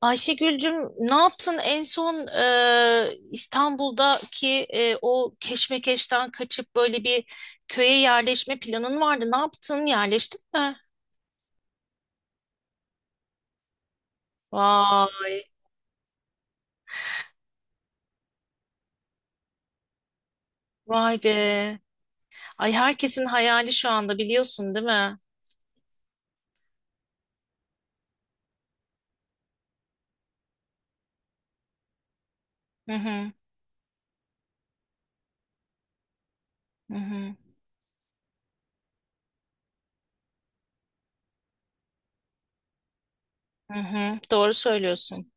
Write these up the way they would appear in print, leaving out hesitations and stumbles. Ayşegül'cüm ne yaptın en son İstanbul'daki o keşmekeşten kaçıp böyle bir köye yerleşme planın vardı. Ne yaptın? Yerleştin mi? Vay, vay be. Ay herkesin hayali şu anda biliyorsun değil mi? Hı hı, hı hı, hı hı. Doğru söylüyorsun.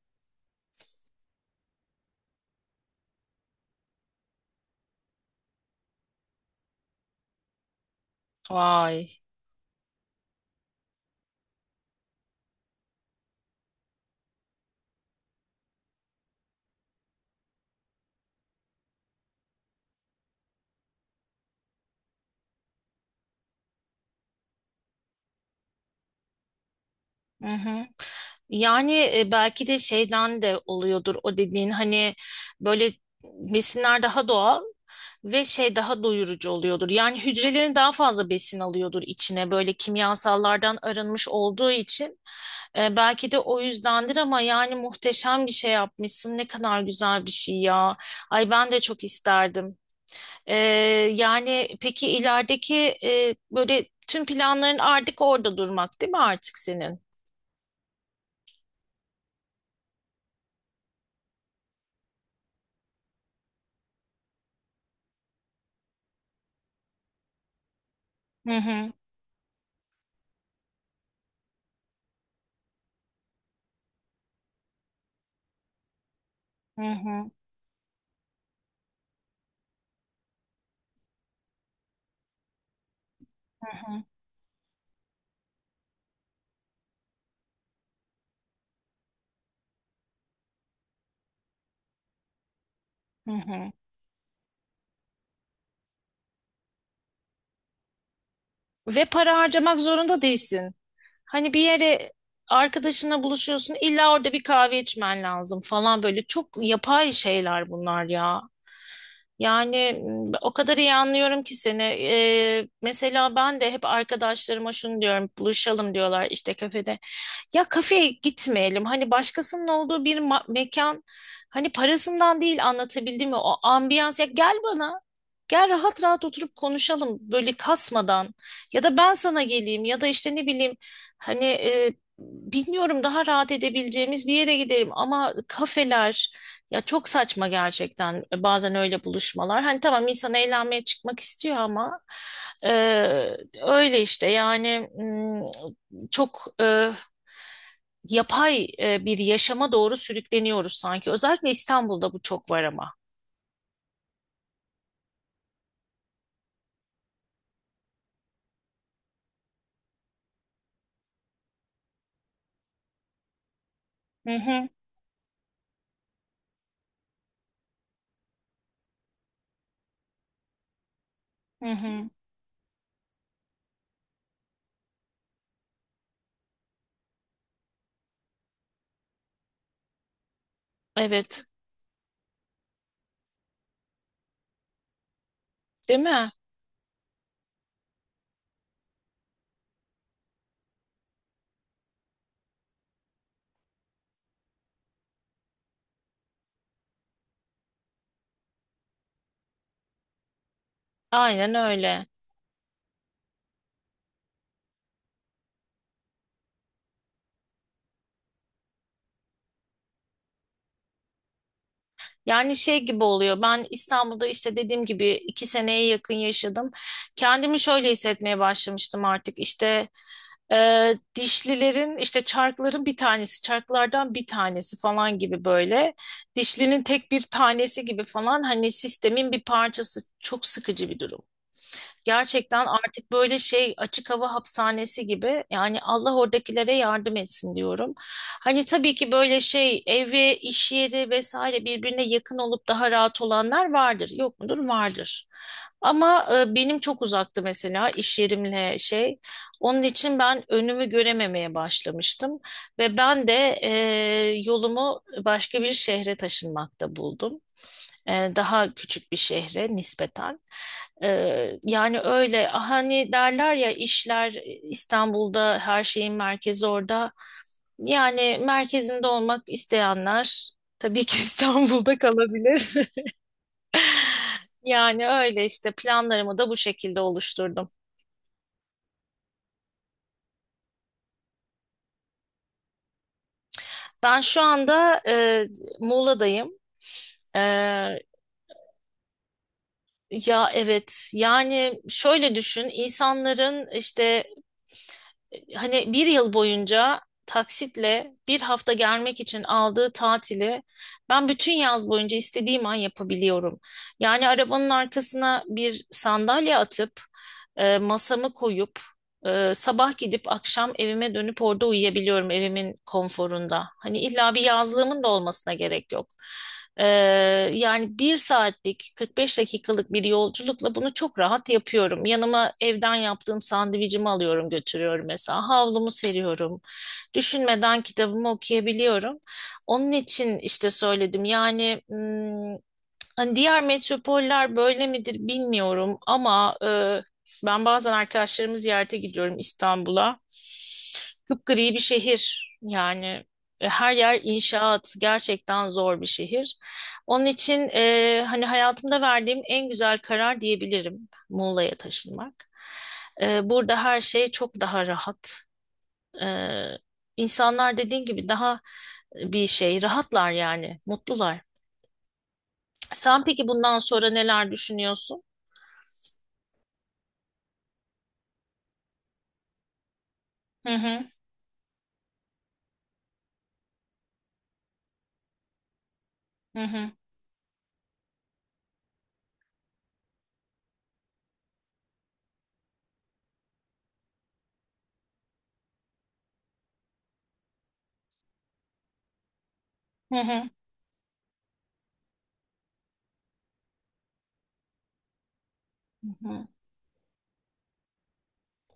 Vay. Hı hı. Yani belki de şeyden de oluyordur o dediğin hani böyle besinler daha doğal ve şey daha doyurucu oluyordur. Yani hücrelerin daha fazla besin alıyordur içine böyle kimyasallardan arınmış olduğu için. Belki de o yüzdendir ama yani muhteşem bir şey yapmışsın. Ne kadar güzel bir şey ya. Ay ben de çok isterdim. E, yani peki ilerideki böyle tüm planların artık orada durmak değil mi artık senin? Hı hı. Hı hı. Hı hı. Ve para harcamak zorunda değilsin. Hani bir yere arkadaşınla buluşuyorsun, illa orada bir kahve içmen lazım falan böyle çok yapay şeyler bunlar ya. Yani o kadar iyi anlıyorum ki seni. Mesela ben de hep arkadaşlarıma şunu diyorum, buluşalım diyorlar işte kafede. Ya kafeye gitmeyelim. Hani başkasının olduğu bir mekan. Hani parasından değil anlatabildim mi? O ambiyans. Ya gel bana. Gel rahat rahat oturup konuşalım böyle kasmadan. Ya da ben sana geleyim ya da işte ne bileyim hani bilmiyorum daha rahat edebileceğimiz bir yere gidelim ama kafeler ya çok saçma gerçekten bazen öyle buluşmalar. Hani tamam insan eğlenmeye çıkmak istiyor ama e, öyle işte yani çok yapay bir yaşama doğru sürükleniyoruz sanki. Özellikle İstanbul'da bu çok var ama. Hı hı, hı hı. Evet, değil mi? Aynen öyle. Yani şey gibi oluyor. Ben İstanbul'da işte dediğim gibi iki seneye yakın yaşadım. Kendimi şöyle hissetmeye başlamıştım artık. İşte dişlilerin işte çarkların bir tanesi, çarklardan bir tanesi falan gibi böyle. Dişlinin tek bir tanesi gibi falan hani sistemin bir parçası. Çok sıkıcı bir durum. Gerçekten artık böyle şey açık hava hapishanesi gibi yani Allah oradakilere yardım etsin diyorum. Hani tabii ki böyle şey evi, iş yeri vesaire birbirine yakın olup daha rahat olanlar vardır. Yok mudur? Vardır. Ama benim çok uzaktı mesela iş yerimle şey. Onun için ben önümü görememeye başlamıştım ve ben de e, yolumu başka bir şehre taşınmakta buldum. Daha küçük bir şehre nispeten. E, yani öyle ah, hani derler ya işler İstanbul'da her şeyin merkezi orada. Yani merkezinde olmak isteyenler tabii ki İstanbul'da kalabilir. Yani öyle işte planlarımı da bu şekilde oluşturdum. Ben şu anda Muğla'dayım. E, ya evet yani şöyle düşün insanların işte hani bir yıl boyunca taksitle bir hafta gelmek için aldığı tatili ben bütün yaz boyunca istediğim an yapabiliyorum. Yani arabanın arkasına bir sandalye atıp masamı koyup sabah gidip akşam evime dönüp orada uyuyabiliyorum evimin konforunda. Hani illa bir yazlığımın da olmasına gerek yok. Ee, yani bir saatlik 45 dakikalık bir yolculukla bunu çok rahat yapıyorum. Yanıma evden yaptığım sandviçimi alıyorum götürüyorum mesela. Havlumu seriyorum. Düşünmeden kitabımı okuyabiliyorum. Onun için işte söyledim yani hani diğer metropoller böyle midir bilmiyorum ama ben bazen arkadaşlarımı ziyarete gidiyorum İstanbul'a. Kıpgri bir şehir yani her yer inşaat gerçekten zor bir şehir. Onun için hani hayatımda verdiğim en güzel karar diyebilirim Muğla'ya taşınmak. Burada her şey çok daha rahat. E, insanlar dediğin gibi daha bir şey rahatlar yani mutlular. Sen peki bundan sonra neler düşünüyorsun? Hı hı, hı hı, hı hı, hı hı.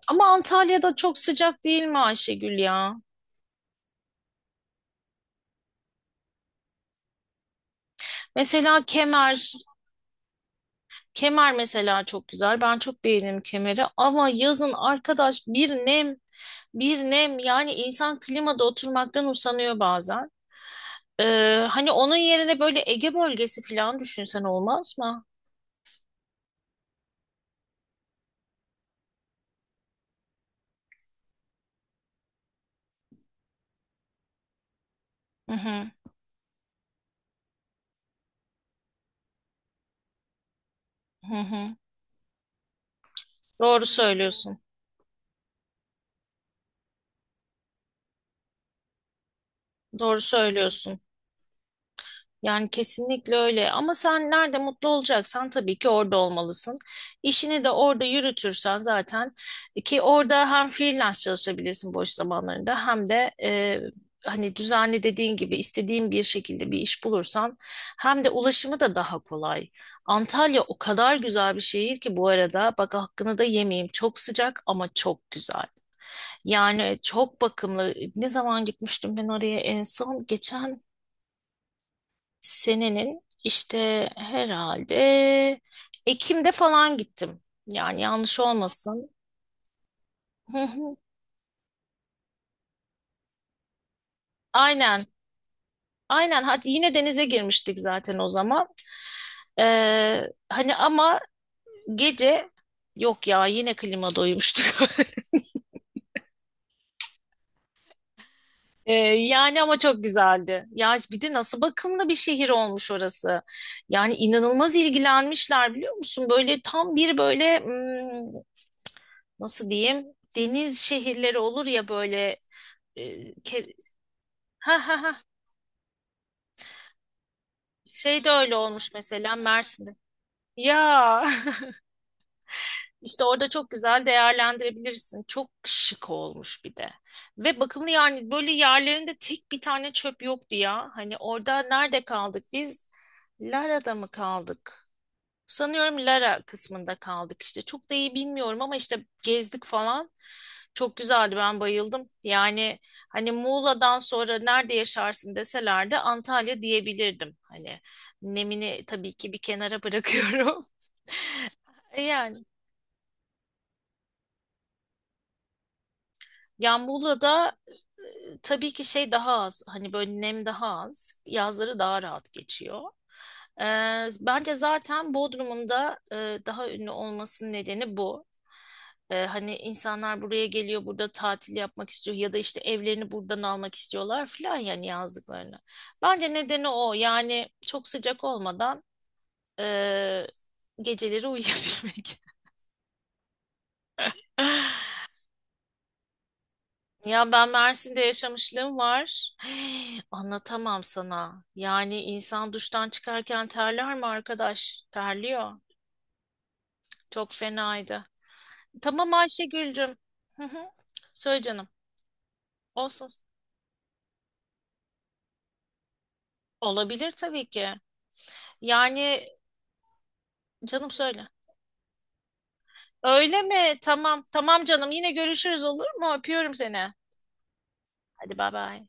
Ama Antalya'da çok sıcak değil mi Ayşegül ya? Mesela Kemer, Kemer mesela çok güzel. Ben çok beğenirim Kemer'i. Ama yazın arkadaş bir nem, bir nem. Yani insan klimada oturmaktan usanıyor bazen. Hani onun yerine böyle Ege bölgesi falan düşünsen olmaz mı? Hı hı, hı hı. Doğru söylüyorsun. Doğru söylüyorsun. Yani kesinlikle öyle ama sen nerede mutlu olacaksan tabii ki orada olmalısın. İşini de orada yürütürsen zaten ki orada hem freelance çalışabilirsin boş zamanlarında hem de hani düzenli dediğin gibi istediğin bir şekilde bir iş bulursan hem de ulaşımı da daha kolay. Antalya o kadar güzel bir şehir ki bu arada bak hakkını da yemeyeyim çok sıcak ama çok güzel. Yani çok bakımlı ne zaman gitmiştim ben oraya en son geçen senenin işte herhalde Ekim'de falan gittim. Yani yanlış olmasın. Hı hı. Aynen. Aynen. Hadi yine denize girmiştik zaten o zaman. Hani ama gece yok ya yine klima doymuştuk. Yani ama çok güzeldi. Ya bir de nasıl bakımlı bir şehir olmuş orası. Yani inanılmaz ilgilenmişler biliyor musun? Böyle tam bir böyle nasıl diyeyim? Deniz şehirleri olur ya böyle e, ke- ha ha ha şey de öyle olmuş mesela Mersin'de. Ya işte orada çok güzel değerlendirebilirsin. Çok şık olmuş bir de. Ve bakımlı yani böyle yerlerinde tek bir tane çöp yoktu ya. Hani orada nerede kaldık biz? Lara'da mı kaldık? Sanıyorum Lara kısmında kaldık işte. Çok da iyi bilmiyorum ama işte gezdik falan. Çok güzeldi ben bayıldım. Yani hani Muğla'dan sonra nerede yaşarsın deselerdi Antalya diyebilirdim. Hani nemini tabii ki bir kenara bırakıyorum. Yani Yani Muğla'da tabii ki şey daha az. Hani böyle nem daha az. Yazları daha rahat geçiyor. Bence zaten Bodrum'un da daha ünlü olmasının nedeni bu. Hani insanlar buraya geliyor, burada tatil yapmak istiyor ya da işte evlerini buradan almak istiyorlar filan yani yazlıklarını. Bence nedeni o. Yani çok sıcak olmadan e, geceleri uyuyabilmek. Ya ben Mersin'de yaşamışlığım var. Anlatamam sana. Yani insan duştan çıkarken terler mi arkadaş? Terliyor. Çok fenaydı. Tamam Ayşegül'cüm. Hı hı. Söyle canım. Olsun. Olabilir tabii ki. Yani canım söyle. Öyle mi? Tamam. Tamam canım. Yine görüşürüz olur mu? Öpüyorum seni. Hadi bay bay.